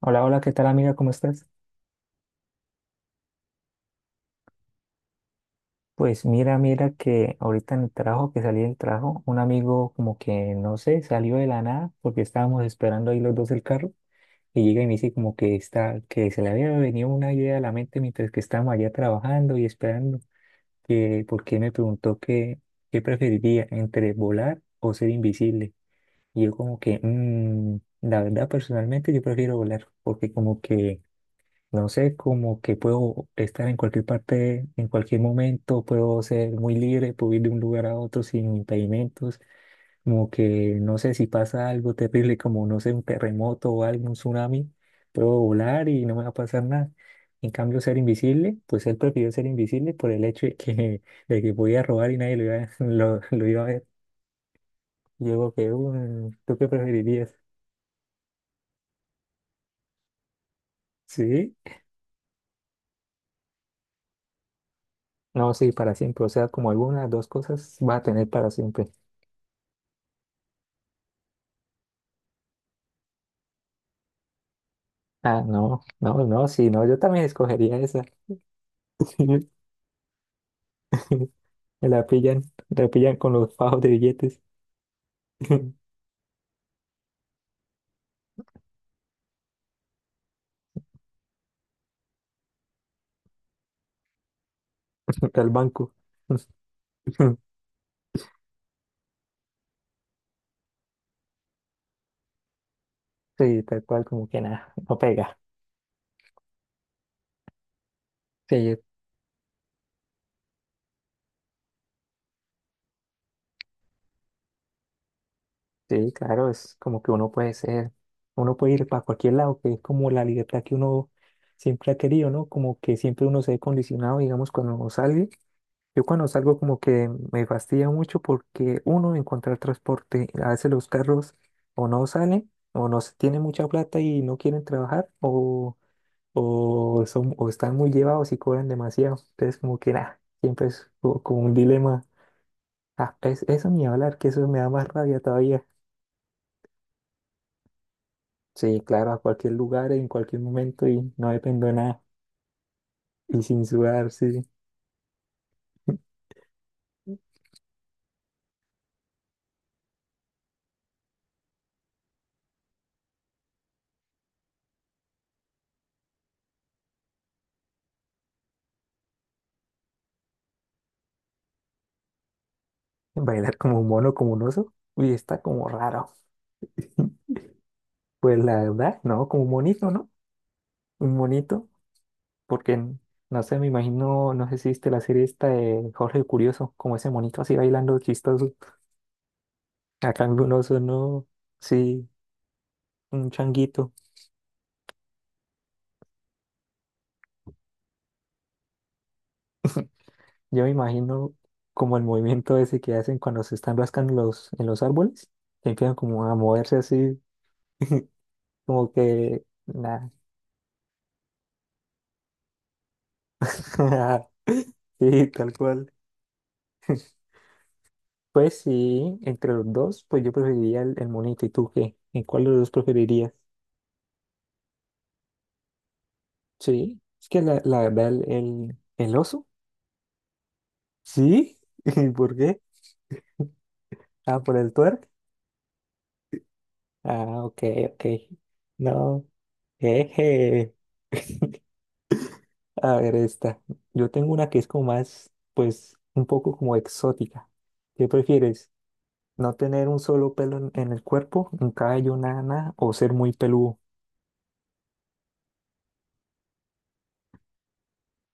Hola, hola, ¿qué tal amiga? ¿Cómo estás? Pues mira, que ahorita en el trabajo, que salí del trabajo, un amigo como que, no sé, salió de la nada porque estábamos esperando ahí los dos el carro y llega y me dice como que está, que se le había venido una idea a la mente mientras que estábamos allá trabajando y esperando, que porque me preguntó que, qué preferiría entre volar o ser invisible. Y yo como que, "Mm, la verdad personalmente yo prefiero volar porque como que... No sé, como que puedo estar en cualquier parte, en cualquier momento, puedo ser muy libre, puedo ir de un lugar a otro sin impedimentos, como que no sé si pasa algo terrible, como no sé, un terremoto o algo, un tsunami, puedo volar y no me va a pasar nada. En cambio, ser invisible, pues él prefirió ser invisible por el hecho de que, de que podía robar y nadie lo iba, lo, iba a ver. Yo que, "Mm, ¿tú qué preferirías? Sí, no, sí, para siempre, o sea, como algunas dos cosas va a tener para siempre. Ah, no, no, no, sí, no, yo también escogería esa. Me la pillan, la pillan con los fajos de billetes al banco. Sí, tal cual, como que nada, no pega. Sí, sí, claro, es como que uno puede ser, uno puede ir para cualquier lado, que es como la libertad que uno siempre ha querido, ¿no? Como que siempre uno se ve condicionado, digamos, cuando sale. Yo cuando salgo como que me fastidia mucho porque uno, encontrar transporte, a veces los carros o no salen o no se- tienen mucha plata y no quieren trabajar o, son, o están muy llevados y cobran demasiado. Entonces como que nada, siempre es como un dilema. Ah, es, eso ni hablar, que eso me da más rabia todavía. Sí, claro, a cualquier lugar, en cualquier momento y no dependo de nada. Y sin sudar, sí. Bailar como un mono, como un oso. Uy, está como raro. Pues la verdad, no, como un monito, ¿no? un monito, porque no sé, me imagino, no sé si viste la serie esta de Jorge el Curioso, como ese monito así bailando chistoso. A cambio un oso, no, sí, un changuito. Yo me imagino como el movimiento ese que hacen cuando se están rascando los, en los árboles, que empiezan como a moverse así, como que nada. Sí, tal cual. Pues sí, entre los dos, pues yo preferiría el monito. ¿Y tú qué? ¿En cuál de los dos preferirías? Sí, es que la verdad, el oso. Sí, ¿y por qué? Ah, por el twerk. Ah, ok, ok. No, jeje. A ver, esta. Yo tengo una que es como más, pues, un poco como exótica. ¿Qué prefieres? ¿No tener un solo pelo en el cuerpo, un cabello, nada, nada, o ser muy peludo?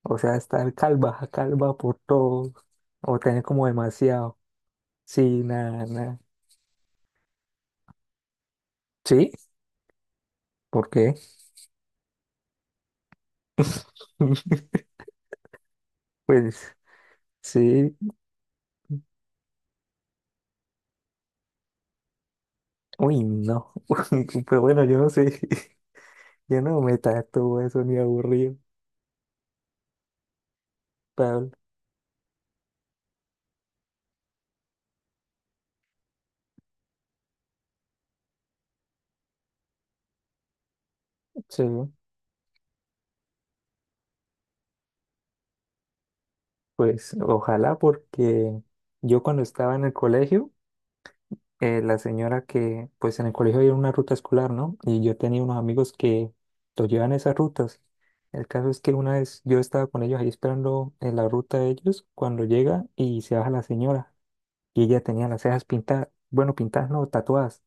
O sea, estar calva, calva por todo, o tener como demasiado. Sí, nada, nada. Sí, ¿por qué? Pues. Sí, uy, no. Pero bueno, yo no sé, yo no me tatúo eso ni aburrido, Pablo. Sí, pues ojalá porque yo cuando estaba en el colegio, la señora que, pues en el colegio había una ruta escolar, ¿no? Y yo tenía unos amigos que los llevan esas rutas. El caso es que una vez yo estaba con ellos ahí esperando en la ruta de ellos, cuando llega y se baja la señora y ella tenía las cejas pintadas, bueno, pintadas no, tatuadas.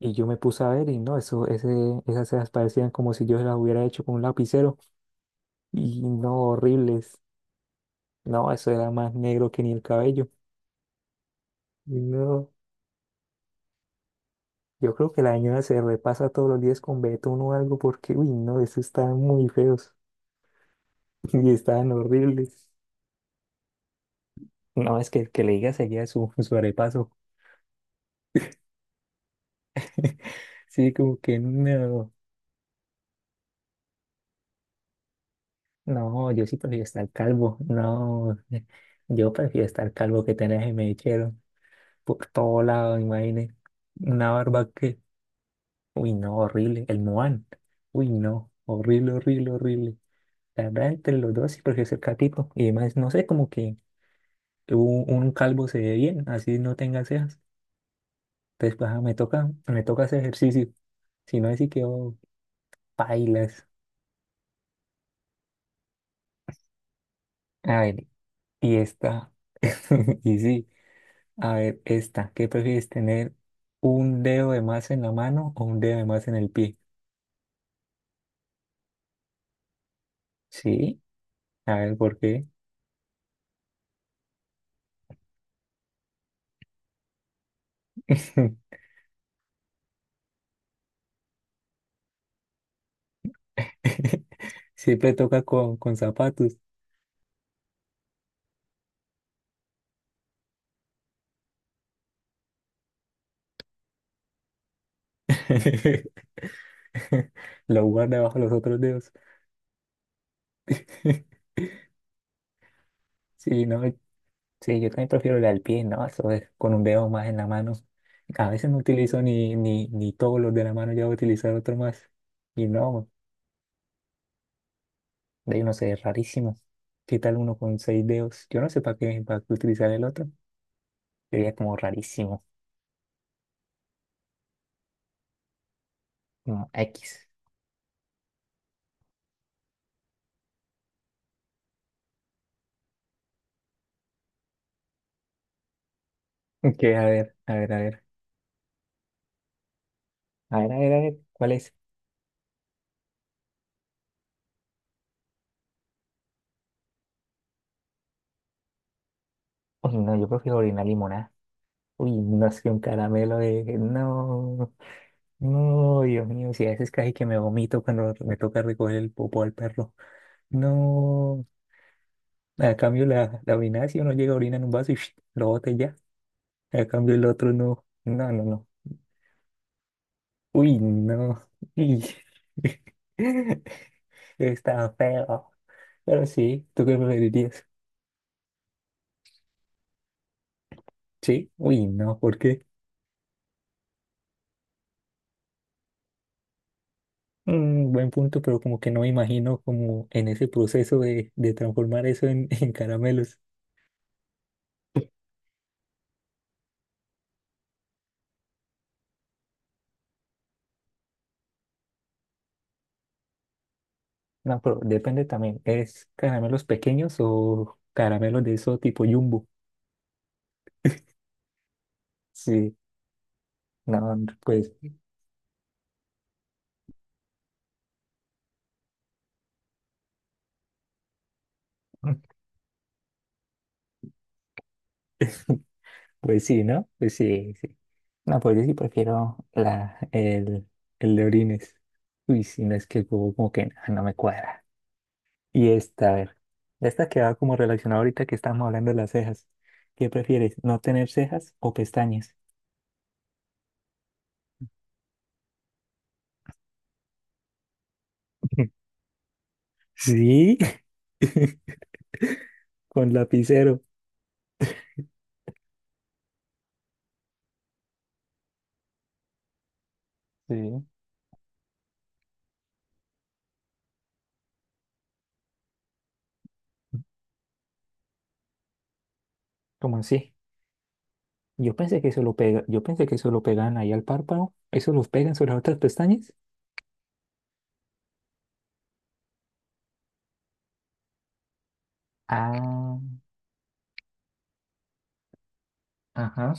Y yo me puse a ver y no, eso, ese, esas cejas parecían como si yo las hubiera hecho con un lapicero. Y no, horribles. No, eso era más negro que ni el cabello. Y no, yo creo que la señora se repasa todos los días con betún o algo porque, uy, no, eso estaban muy feos y estaban horribles. No, es que el que le diga seguía su, su arepaso. Sí, como que no, no, yo sí prefiero estar calvo. No, yo prefiero estar calvo que tener mechero por todo lado, imagínate. Una barba que, uy, no, horrible. El Moan, uy, no, horrible, horrible, horrible. La verdad, entre los dos sí prefiero ser catito. Y además, no sé, como que un calvo se ve bien, así no tenga cejas. Entonces, pues, ah, me toca, hacer ejercicio. Si no, así quedo pailas. A ver, y esta, y sí, a ver, esta, ¿qué prefieres tener? ¿Un dedo de más en la mano o un dedo de más en el pie? Sí, a ver, ¿por qué? Siempre toca con, zapatos. Lo guarda bajo los otros dedos. Sí, no, sí, yo también prefiero la del pie, ¿no? Eso es con un dedo más en la mano. A veces no utilizo ni, ni todos los de la mano, ya voy a utilizar otro más. Y no, de ahí no sé, es rarísimo. ¿Qué tal uno con seis dedos? Yo no sé para qué utilizar el otro. Sería como rarísimo. Como X. Ok, a ver, a ver, a ver. A ver, a ver, a ver. ¿Cuál es? Uy, no, yo prefiero orinar limonada. Uy, no es que un caramelo de... No, no, Dios mío, si a veces casi que me vomito cuando me toca recoger el popo al perro. No, a cambio la orina, si uno llega a orinar en un vaso y ¡sh! Lo bota y ya. A cambio el otro no, no, no, no. Uy, no. Uy. Está feo. Pero sí, ¿tú qué preferirías? Sí, uy, no, ¿por qué? Mm, buen punto, pero como que no me imagino como en ese proceso de transformar eso en, en caramelos. No, pero depende también. ¿Es caramelos pequeños o caramelos de eso tipo jumbo? Sí, no, pues, pues sí, ¿no? Pues sí, sí. No, pues yo sí prefiero el de orines. Uy, si no es que como, como que no, no me cuadra. Y esta, a ver, esta que va como relacionada ahorita que estamos hablando de las cejas. ¿Qué prefieres, no tener cejas o pestañas? Sí, con lapicero. Sí, como así. Yo pensé que eso lo pega, yo pensé que eso lo pegan ahí al párpado. ¿Eso los pegan sobre las otras pestañas? Ah, ajá.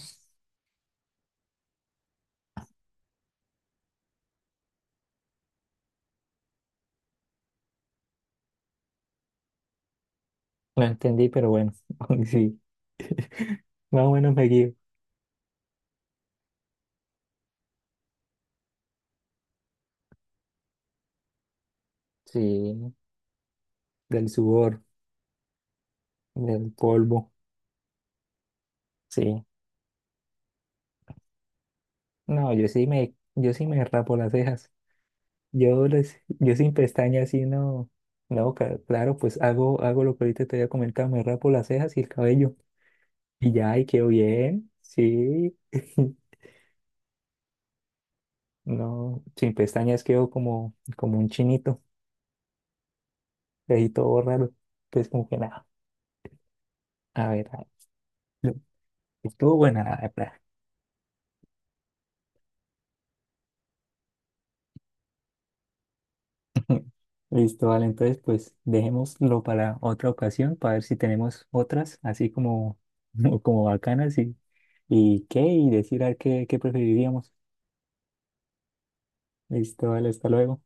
Lo entendí, pero bueno. Sí, más o menos me guío. Sí, del sudor, del polvo. Sí. No, yo sí me rapo las cejas. Yo les, yo sin pestañas sí no. No, claro, pues hago, lo que ahorita te había comentado, me rapo las cejas y el cabello. Y ya, y quedo bien. Sí. No, sin pestañas quedo como, como un chinito, ahí todo raro. Pues como que nada, a ver, lo- estuvo buena la verdad. Listo, vale, entonces pues dejémoslo para otra ocasión, para ver si tenemos otras, así como, como bacanas y qué, y decir a ver qué, qué preferiríamos. Listo, vale, hasta luego.